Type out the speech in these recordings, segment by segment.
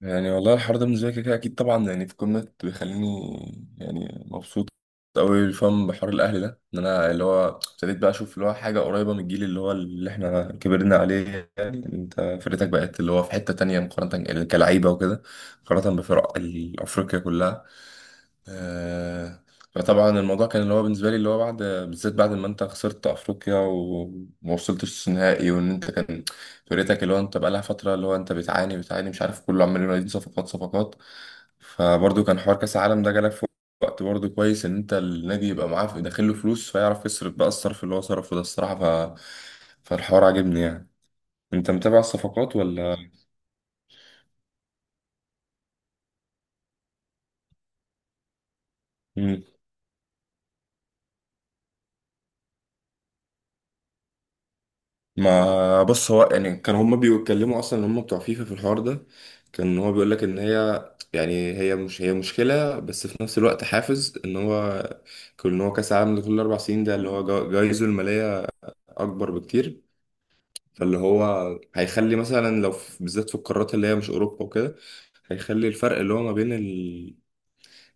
يعني والله الحوار ده بالنسبة لي كده كده أكيد طبعا، يعني في قمة بيخليني يعني مبسوط أوي. فاهم بحوار الأهل ده، إن أنا اللي هو ابتديت بقى أشوف اللي هو حاجة قريبة من الجيل اللي هو اللي إحنا كبرنا عليه. يعني أنت فرقتك بقت اللي هو في حتة تانية، مقارنة كلعيبة وكده، مقارنة بفرق أفريقيا كلها، آه. فطبعا الموضوع كان اللي هو بالنسبه لي اللي هو بعد، بالذات بعد ما انت خسرت افريقيا وما وصلتش نهائي، وان انت كان فرقتك اللي هو انت بقى لها فتره اللي هو انت بتعاني بتعاني، مش عارف، كله عمال ينادي صفقات صفقات. فبرضه كان حوار كاس العالم ده جالك في وقت برضه كويس، ان انت النادي يبقى معاه داخل له فلوس، فيعرف يصرف بقى الصرف اللي هو صرفه ده الصراحه، فالحوار عاجبني يعني. انت متابع الصفقات ولا؟ ما بص، هو يعني كان هما بيتكلموا اصلا ان هما بتوع فيفا في الحوار ده، كان هو بيقول لك ان هي، يعني هي مش هي مشكله، بس في نفس الوقت حافز، ان هو كل ان هو كاس العالم لكل 4 سنين ده اللي هو جايزه الماليه اكبر بكتير. فاللي هو هيخلي مثلا، لو بالذات في القارات اللي هي مش اوروبا وكده، هيخلي الفرق اللي هو ما بين ال،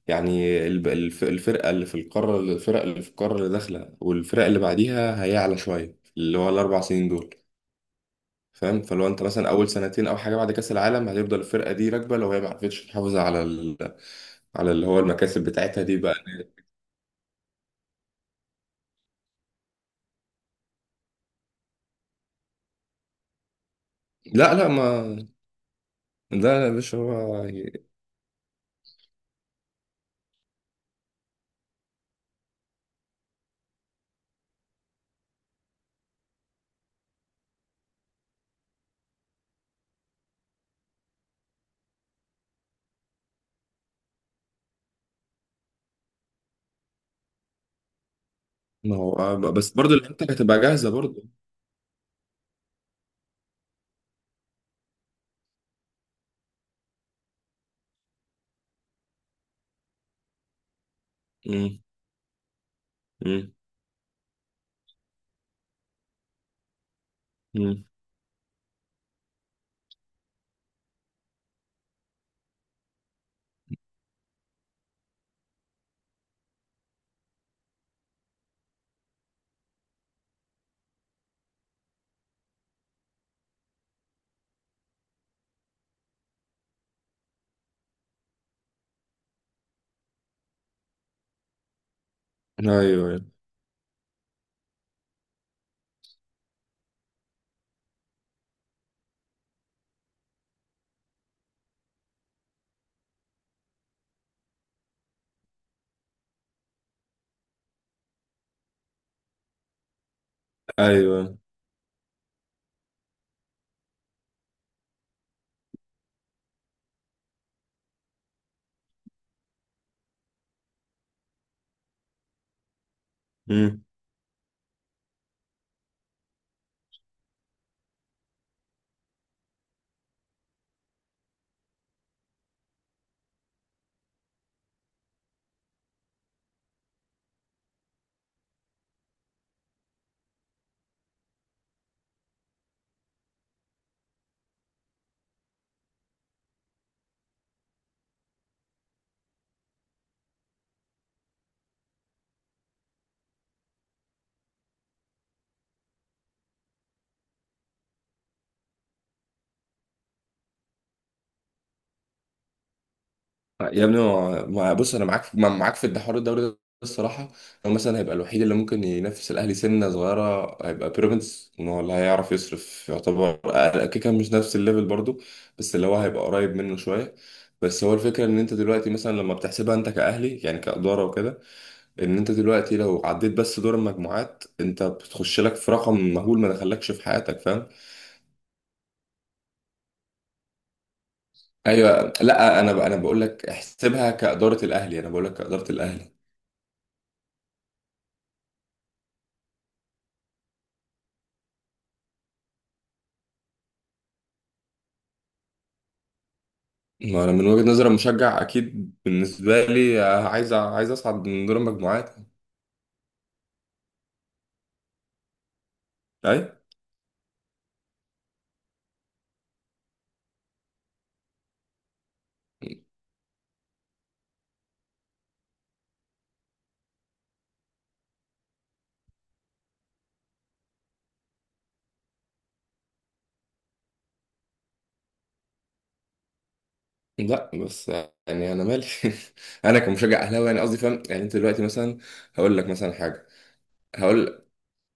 يعني الفرقه اللي في القاره، الفرق اللي في القاره اللي داخله والفرق اللي بعديها هيعلى شويه اللي هو ال4 سنين دول. فاهم، فلو انت مثلا اول سنتين او حاجه بعد كاس العالم هتفضل الفرقه دي راكبه، لو هي ما عرفتش تحافظ على على اللي هو المكاسب بتاعتها دي بقى. لا، لا، ما لا، لا يا باشا، هو يعني، ما هو بس برضه الانتر هتبقى جاهزه برضه. امم. امم. امم. ايوه. ايوه. امم. يا ابني، بص، انا معاك، معاك في الحوار الدوري ده الصراحه. هو مثلا هيبقى الوحيد اللي ممكن ينافس الاهلي سنه صغيره، هيبقى بيراميدز، ان هو اللي هيعرف يصرف، يعتبر كده كده مش نفس الليفل برضو، بس اللي هو هيبقى قريب منه شويه. بس هو الفكره، ان انت دلوقتي مثلا لما بتحسبها انت كاهلي، يعني كاداره وكده، ان انت دلوقتي لو عديت بس دور المجموعات انت بتخش لك في رقم مهول ما دخلكش في حياتك، فاهم. ايوه، لا، انا بقول لك احسبها كاداره الاهلي، انا بقول لك كاداره الاهلي. ما انا من وجهة نظري مشجع، اكيد بالنسبه لي عايز، عايز اصعد من دور المجموعات. اي. لا، بس يعني انا مالي انا كمشجع اهلاوي يعني قصدي، فاهم، يعني انت دلوقتي مثلا، هقول لك مثلا حاجه، هقول.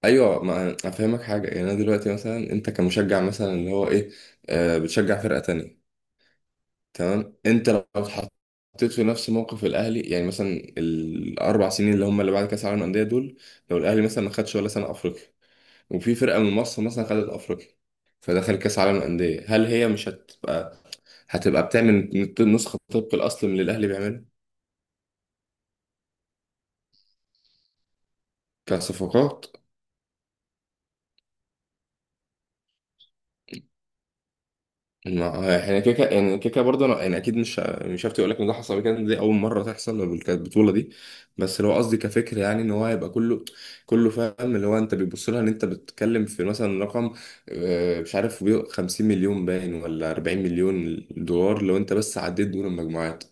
ايوه، ما افهمك حاجه، يعني انا دلوقتي مثلا انت كمشجع مثلا اللي هو ايه، آه بتشجع فرقه تانية. تمام، انت لو اتحطيت في نفس موقف الاهلي، يعني مثلا ال4 سنين اللي هم اللي بعد كاس العالم للانديه دول، لو الاهلي مثلا ما خدش ولا سنه افريقيا، وفي فرقة من مصر مثلا خدت أفريقيا فدخل كأس عالم الأندية، هل هي مش هتبقى بتعمل نسخة طبق الأصل من اللي الأهلي بيعمله؟ كصفقات؟ ما احنا يعني كده كده برضه انا، يعني اكيد مش هفتي اقول لك ان ده حصل قبل كده، دي اول مره تحصل البطوله دي. بس لو قصدي كفكر يعني، ان هو هيبقى كله كله، فاهم، اللي هو انت بتبص لها ان انت بتتكلم في مثلا رقم، مش عارف، 50 مليون باين، ولا 40 مليون دولار لو انت بس عديت دور المجموعات.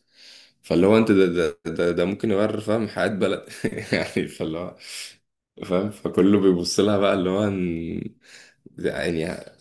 فاللي هو انت ده ممكن يغير، فاهم، حياة بلد يعني. فاللي هو، فاهم، فكله بيبص لها بقى اللي هو يعني،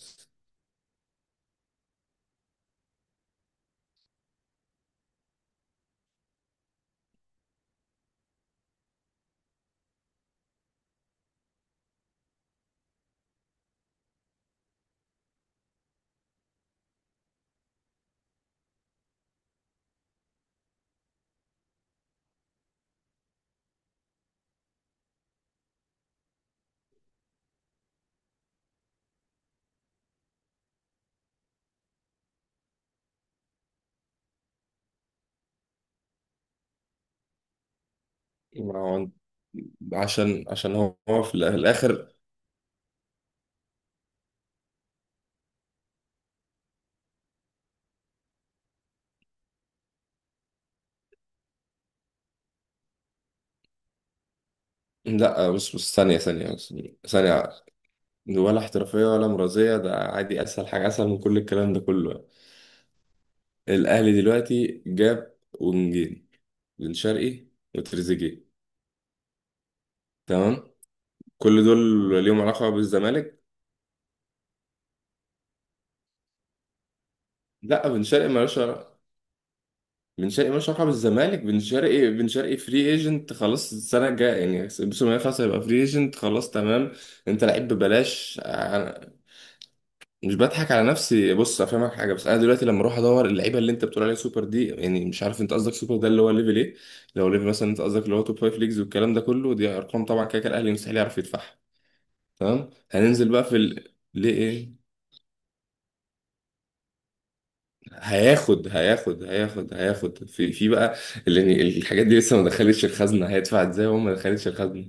ما هو، عشان هو في الآخر. لا، بص بص ثانية ثانية بص ثانية، ولا احترافية ولا مرضية، ده عادي، أسهل حاجة، أسهل من كل الكلام ده كله. الأهلي دلوقتي جاب ونجيل، بن شرقي، وتريزيجيه، تمام، كل دول ليهم علاقة بالزمالك؟ لا، بن شرقي مالوش، بن شرقي ملوش علاقة بالزمالك، بن شرقي، بن شرقي فري ايجنت خلاص السنة الجاية، يعني الموسم اللي خلاص هيبقى فري ايجنت خلاص، تمام، انت لعيب ببلاش أنا. مش بضحك على نفسي، بص افهمك حاجة، بس انا دلوقتي لما اروح ادور اللعيبة اللي انت بتقول عليها سوبر دي، يعني مش عارف انت قصدك سوبر ده اللي هو ليفل ايه. لو ليفل مثلا انت قصدك اللي هو توب فايف ليجز والكلام ده كله، دي ارقام طبعا كده كده الاهلي مستحيل يعرف يدفعها. تمام، هننزل بقى في ليه؟ ايه؟ هياخد في بقى، اللي يعني الحاجات دي لسه ما دخلتش الخزنه، هيدفع ازاي وهو ما دخلتش الخزنه؟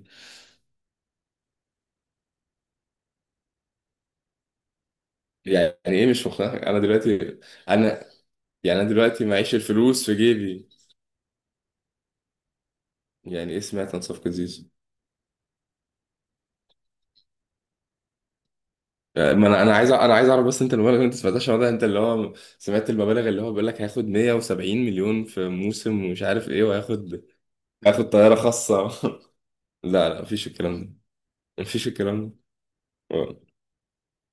يعني ايه مش مقتنع، انا دلوقتي انا، يعني انا دلوقتي معيش الفلوس في جيبي. يعني ايه سمعت عن صفقه زيزو؟ يعني، ما انا عايز انا عايز اعرف، بس انت المبالغ اللي انت سمعتهاش النهارده، انت اللي هو سمعت المبالغ اللي هو بيقول لك هياخد 170 مليون في موسم ومش عارف ايه، وهياخد، هياخد طياره خاصه لا، لا، مفيش الكلام ده، مفيش الكلام ده.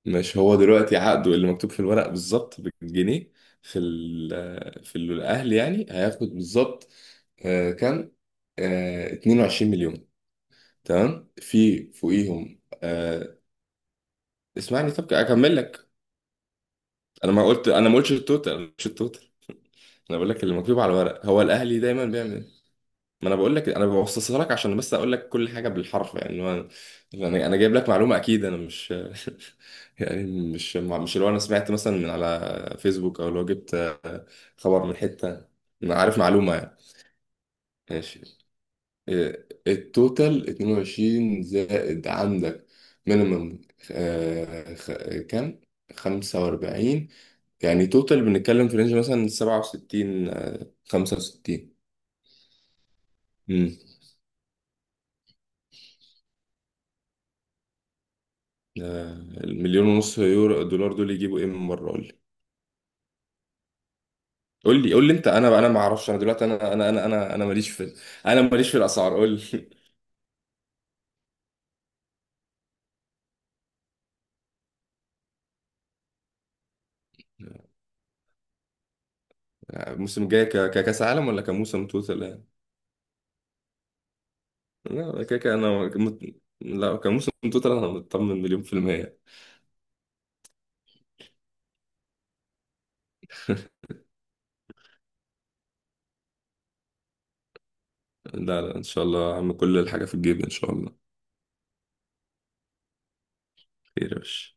مش هو دلوقتي عقده اللي مكتوب في الورق بالظبط بالجنيه، في ال في الاهلي، يعني هياخد بالظبط، كام؟ 22 مليون، تمام، في فوقيهم اسمعني، طب اكمل لك. انا ما قلتش التوتال، مش التوتال، انا بقول لك اللي مكتوب على الورق، هو الاهلي دايما بيعمل. ما انا بقول لك، انا ببسطها لك عشان بس اقول لك كل حاجه بالحرف يعني، هو انا جايب لك معلومه اكيد، انا مش يعني، مش مش اللي هو انا سمعت مثلا من على فيسبوك او لو جبت خبر من حته، انا عارف معلومه يعني. ماشي. إيه، التوتال 22 زائد عندك، مينيمم كام؟ 45، يعني توتال بنتكلم في رينج مثلا 67 65. آه، المليون ونص يورو دولار دول يجيبوا ايه من مره، قول لي، قول لي، قول لي انت، انا ما اعرفش، انا دلوقتي انا ماليش في، انا ماليش في الاسعار، قول لي الموسم الجاي، ككاس عالم ولا كموسم توتال يعني؟ لا كده انا مت... لا كموسم توتال، انا مطمن مليون في المية لا، لا، ان شاء الله يا عم، كل الحاجة في الجيب ان شاء الله. خير يا باشا.